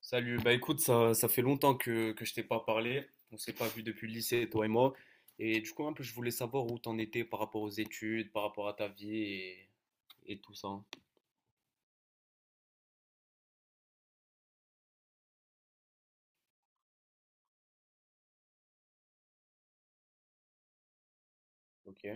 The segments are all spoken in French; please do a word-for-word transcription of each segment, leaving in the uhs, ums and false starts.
Salut, bah écoute, ça, ça fait longtemps que, que je t'ai pas parlé. On s'est pas vu depuis le lycée, toi et moi. Et du coup, un peu, je voulais savoir où t'en étais par rapport aux études, par rapport à ta vie et, et tout ça, hein. Ok.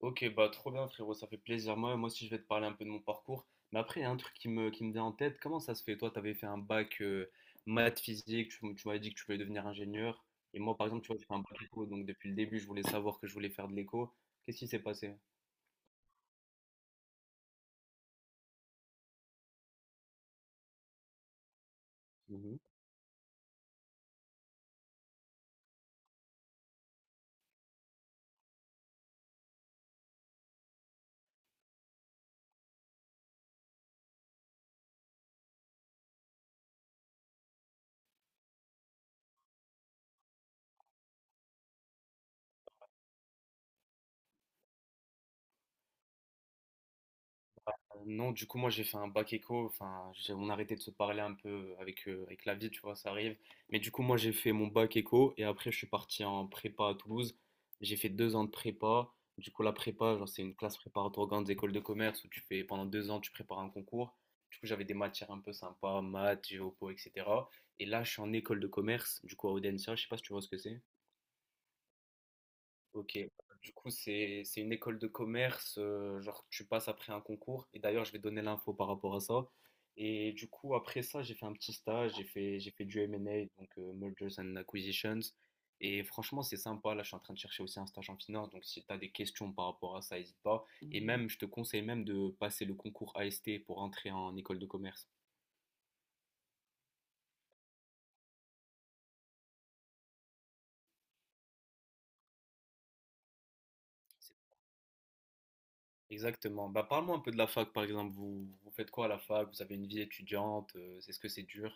Ok, bah trop bien, frérot, ça fait plaisir. Moi, moi aussi, je vais te parler un peu de mon parcours. Mais après, il y a un truc qui me, qui me vient en tête. Comment ça se fait? Toi, t'avais fait un bac euh, maths physique, tu, tu m'avais dit que tu voulais devenir ingénieur. Et moi, par exemple, tu vois, j'ai fait un bac éco, donc depuis le début, je voulais savoir que je voulais faire de l'éco. Qu'est-ce qui s'est passé? Non, du coup, moi, j'ai fait un bac éco. Enfin, j'ai- on arrêtait de se parler un peu avec, euh, avec la vie, tu vois, ça arrive. Mais du coup, moi, j'ai fait mon bac éco et après, je suis parti en prépa à Toulouse. J'ai fait deux ans de prépa. Du coup, la prépa, genre, c'est une classe préparatoire aux grandes écoles de commerce où tu fais pendant deux ans, tu prépares un concours. Du coup, j'avais des matières un peu sympas, maths, géopo, et cetera. Et là, je suis en école de commerce, du coup, à Audencia. Je sais pas si tu vois ce que c'est. Ok, du coup, c'est c'est une école de commerce, euh, genre tu passes après un concours, et d'ailleurs, je vais donner l'info par rapport à ça. Et du coup, après ça, j'ai fait un petit stage, j'ai fait, j'ai fait du M et A, donc euh, Mergers and Acquisitions. Et franchement, c'est sympa. Là, je suis en train de chercher aussi un stage en finance, donc si tu as des questions par rapport à ça, n'hésite pas. Et même, je te conseille même de passer le concours A S T pour entrer en école de commerce. C'est- Exactement. Bah, parle-moi un peu de la fac, par exemple. Vous, vous faites quoi à la fac? Vous avez une vie étudiante? euh, Est-ce que c'est dur?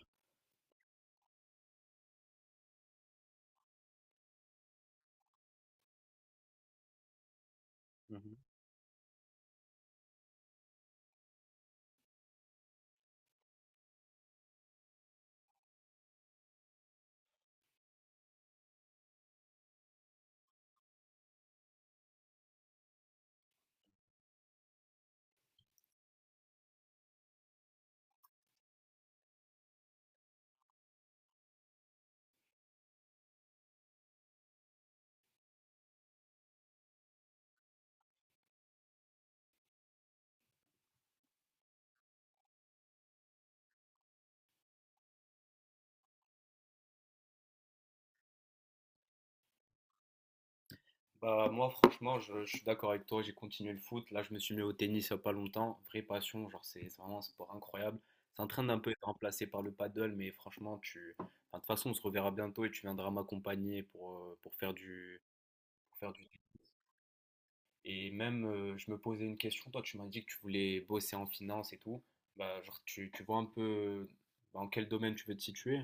Bah, moi, franchement, je, je suis d'accord avec toi. J'ai continué le foot. Là, je me suis mis au tennis il n'y a pas longtemps. Vraie passion. Genre, c'est c'est vraiment un sport incroyable. C'est en train d'un peu être remplacé par le paddle, mais franchement, tu... enfin, de toute façon, on se reverra bientôt et tu viendras m'accompagner pour, euh, pour faire du... pour faire du... Et même, euh, je me posais une question. Toi, tu m'as dit que tu voulais bosser en finance et tout. Bah, genre, tu, tu vois un peu euh, dans quel domaine tu veux te situer?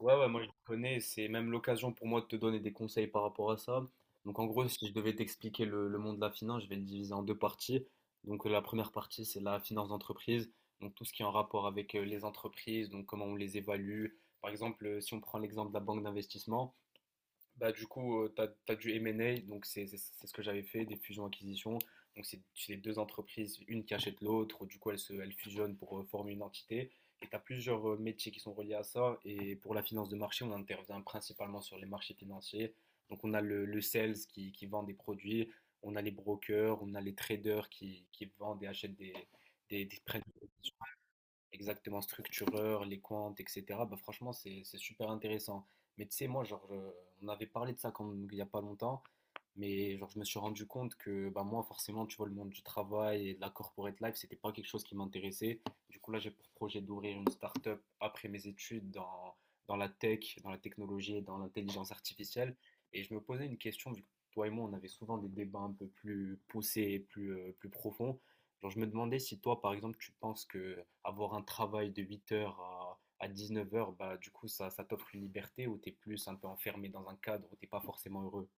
Ouais, ouais, moi je connais, c'est même l'occasion pour moi de te donner des conseils par rapport à ça. Donc en gros, si je devais t'expliquer le, le monde de la finance, je vais le diviser en deux parties. Donc euh, la première partie, c'est la finance d'entreprise, donc tout ce qui est en rapport avec euh, les entreprises, donc comment on les évalue. Par exemple, euh, si on prend l'exemple de la banque d'investissement, bah, du coup, tu as, du M et A, donc c'est c'est- c'est ce que j'avais fait, des fusions-acquisitions. Donc, c'est c'est les deux entreprises, une qui achète l'autre, du coup, elles, se, elles fusionnent pour euh, former une entité. Et tu as plusieurs euh, métiers qui sont reliés à ça. Et pour la finance de marché, on intervient principalement sur les marchés financiers. Donc, on a le, le sales qui, qui vend des produits, on a les brokers, on a les traders qui, qui vendent et achètent des, des, des- prennent des positions exactement structureur, les comptes, et cetera. Bah franchement, c'est c'est super intéressant. Mais tu sais, moi, genre, euh, on avait parlé de ça quand, il n'y a pas longtemps, mais genre, je me suis rendu compte que bah, moi, forcément, tu vois, le monde du travail et de la corporate life, c'était pas quelque chose qui m'intéressait. Du coup, là, j'ai pour projet d'ouvrir une start-up après mes études dans, dans la tech, dans la technologie et dans l'intelligence artificielle. Et je me posais une question, vu que toi et moi, on avait souvent des débats un peu plus poussés et plus, euh, plus profonds. Genre, je me demandais si toi, par exemple, tu penses que avoir un travail de huit heures à, à neuf heures, bah, du coup, ça, ça t'offre une liberté ou t'es plus un peu enfermé dans un cadre où t'es pas forcément heureux.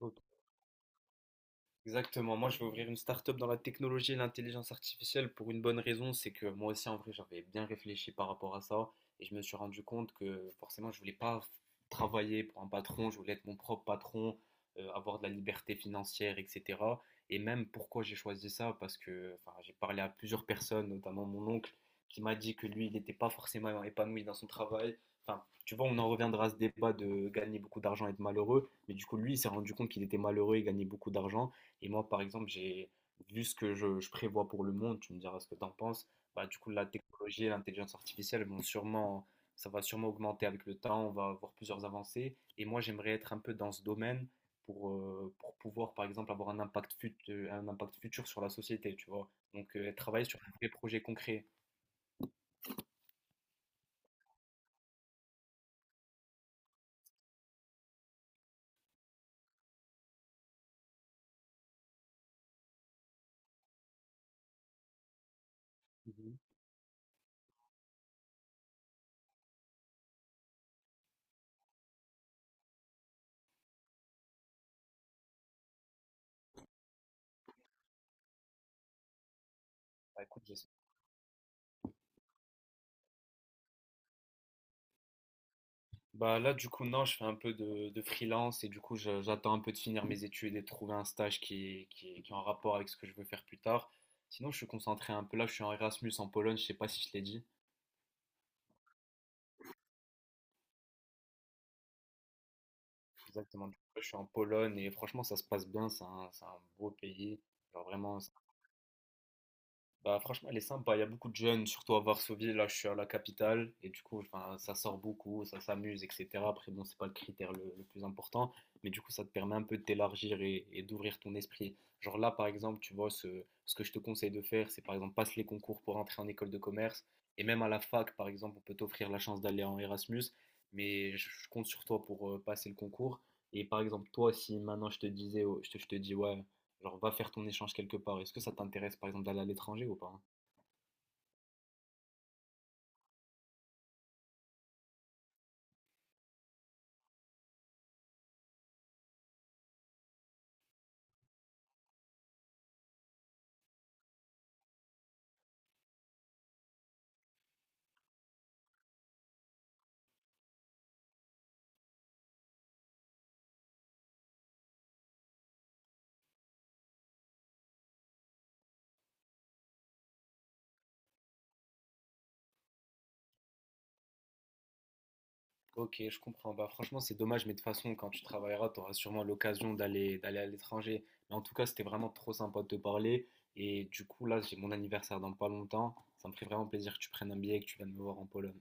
Mhm. Exactement. Moi, je vais ouvrir une start-up dans la technologie et l'intelligence artificielle pour une bonne raison, c'est que moi aussi, en vrai, j'avais bien réfléchi par rapport à ça et je me suis rendu compte que forcément, je voulais pas travailler pour un patron, je voulais être mon propre patron, euh, avoir de la liberté financière, et cetera. Et même pourquoi j'ai choisi ça, parce que enfin, j'ai parlé à plusieurs personnes, notamment mon oncle, qui m'a dit que lui, il n'était pas forcément épanoui dans son travail. Enfin, tu vois, on en reviendra à ce débat de gagner beaucoup d'argent et être malheureux. Mais du coup, lui, il s'est rendu compte qu'il était malheureux et gagnait beaucoup d'argent. Et moi, par exemple, j'ai vu ce que je, je prévois pour le monde, tu me diras ce que tu en penses. Bah, du coup, la technologie et l'intelligence artificielle vont sûrement, ça va sûrement augmenter avec le temps, on va avoir plusieurs avancées. Et moi, j'aimerais être un peu dans ce domaine pour, euh, pour pouvoir, par exemple, avoir un impact, fut- euh, un impact futur sur la société, tu vois. Donc, euh, travailler sur un vrai projet concret. Mhm. Bah, écoute, j'espère. Bah là, du coup, non, je fais un peu de, de freelance et du coup, je- j'attends un peu de finir mes études et de trouver un stage qui, est- qui, est- qui est en rapport avec ce que je veux faire plus tard. Sinon, je suis concentré un peu là, je suis en Erasmus en Pologne, je sais pas si je l'ai dit. Exactement. Du coup, je suis en Pologne et franchement, ça se passe bien, c'est un, c'est un beau pays. Genre vraiment. Bah, franchement, elle est sympa. Il y a beaucoup de jeunes, surtout à Varsovie. Là, je suis à la capitale. Et du coup, enfin, ça sort beaucoup, ça s'amuse, et cetera. Après, bon, c'est pas le critère le, le plus important. Mais du coup, ça te permet un peu de t'élargir et, et d'ouvrir ton esprit. Genre là, par exemple, tu vois, ce, ce que je te conseille de faire, c'est par exemple, passe les concours pour entrer en école de commerce. Et même à la fac, par exemple, on peut t'offrir la chance d'aller en Erasmus. Mais je, je compte sur toi pour euh, passer le concours. Et par exemple, toi, si maintenant je te disais, oh, je te, je te dis, ouais, genre, va faire ton échange quelque part. Est-ce que ça t'intéresse, par exemple, d'aller à l'étranger ou pas? Ok, je comprends. Bah, franchement, c'est dommage, mais de toute façon, quand tu travailleras, tu auras sûrement l'occasion d'aller d'aller à l'étranger. Mais en tout cas, c'était vraiment trop sympa de te parler. Et du coup, là, j'ai mon anniversaire dans pas longtemps. Ça me ferait vraiment plaisir que tu prennes un billet et que tu viennes me voir en Pologne.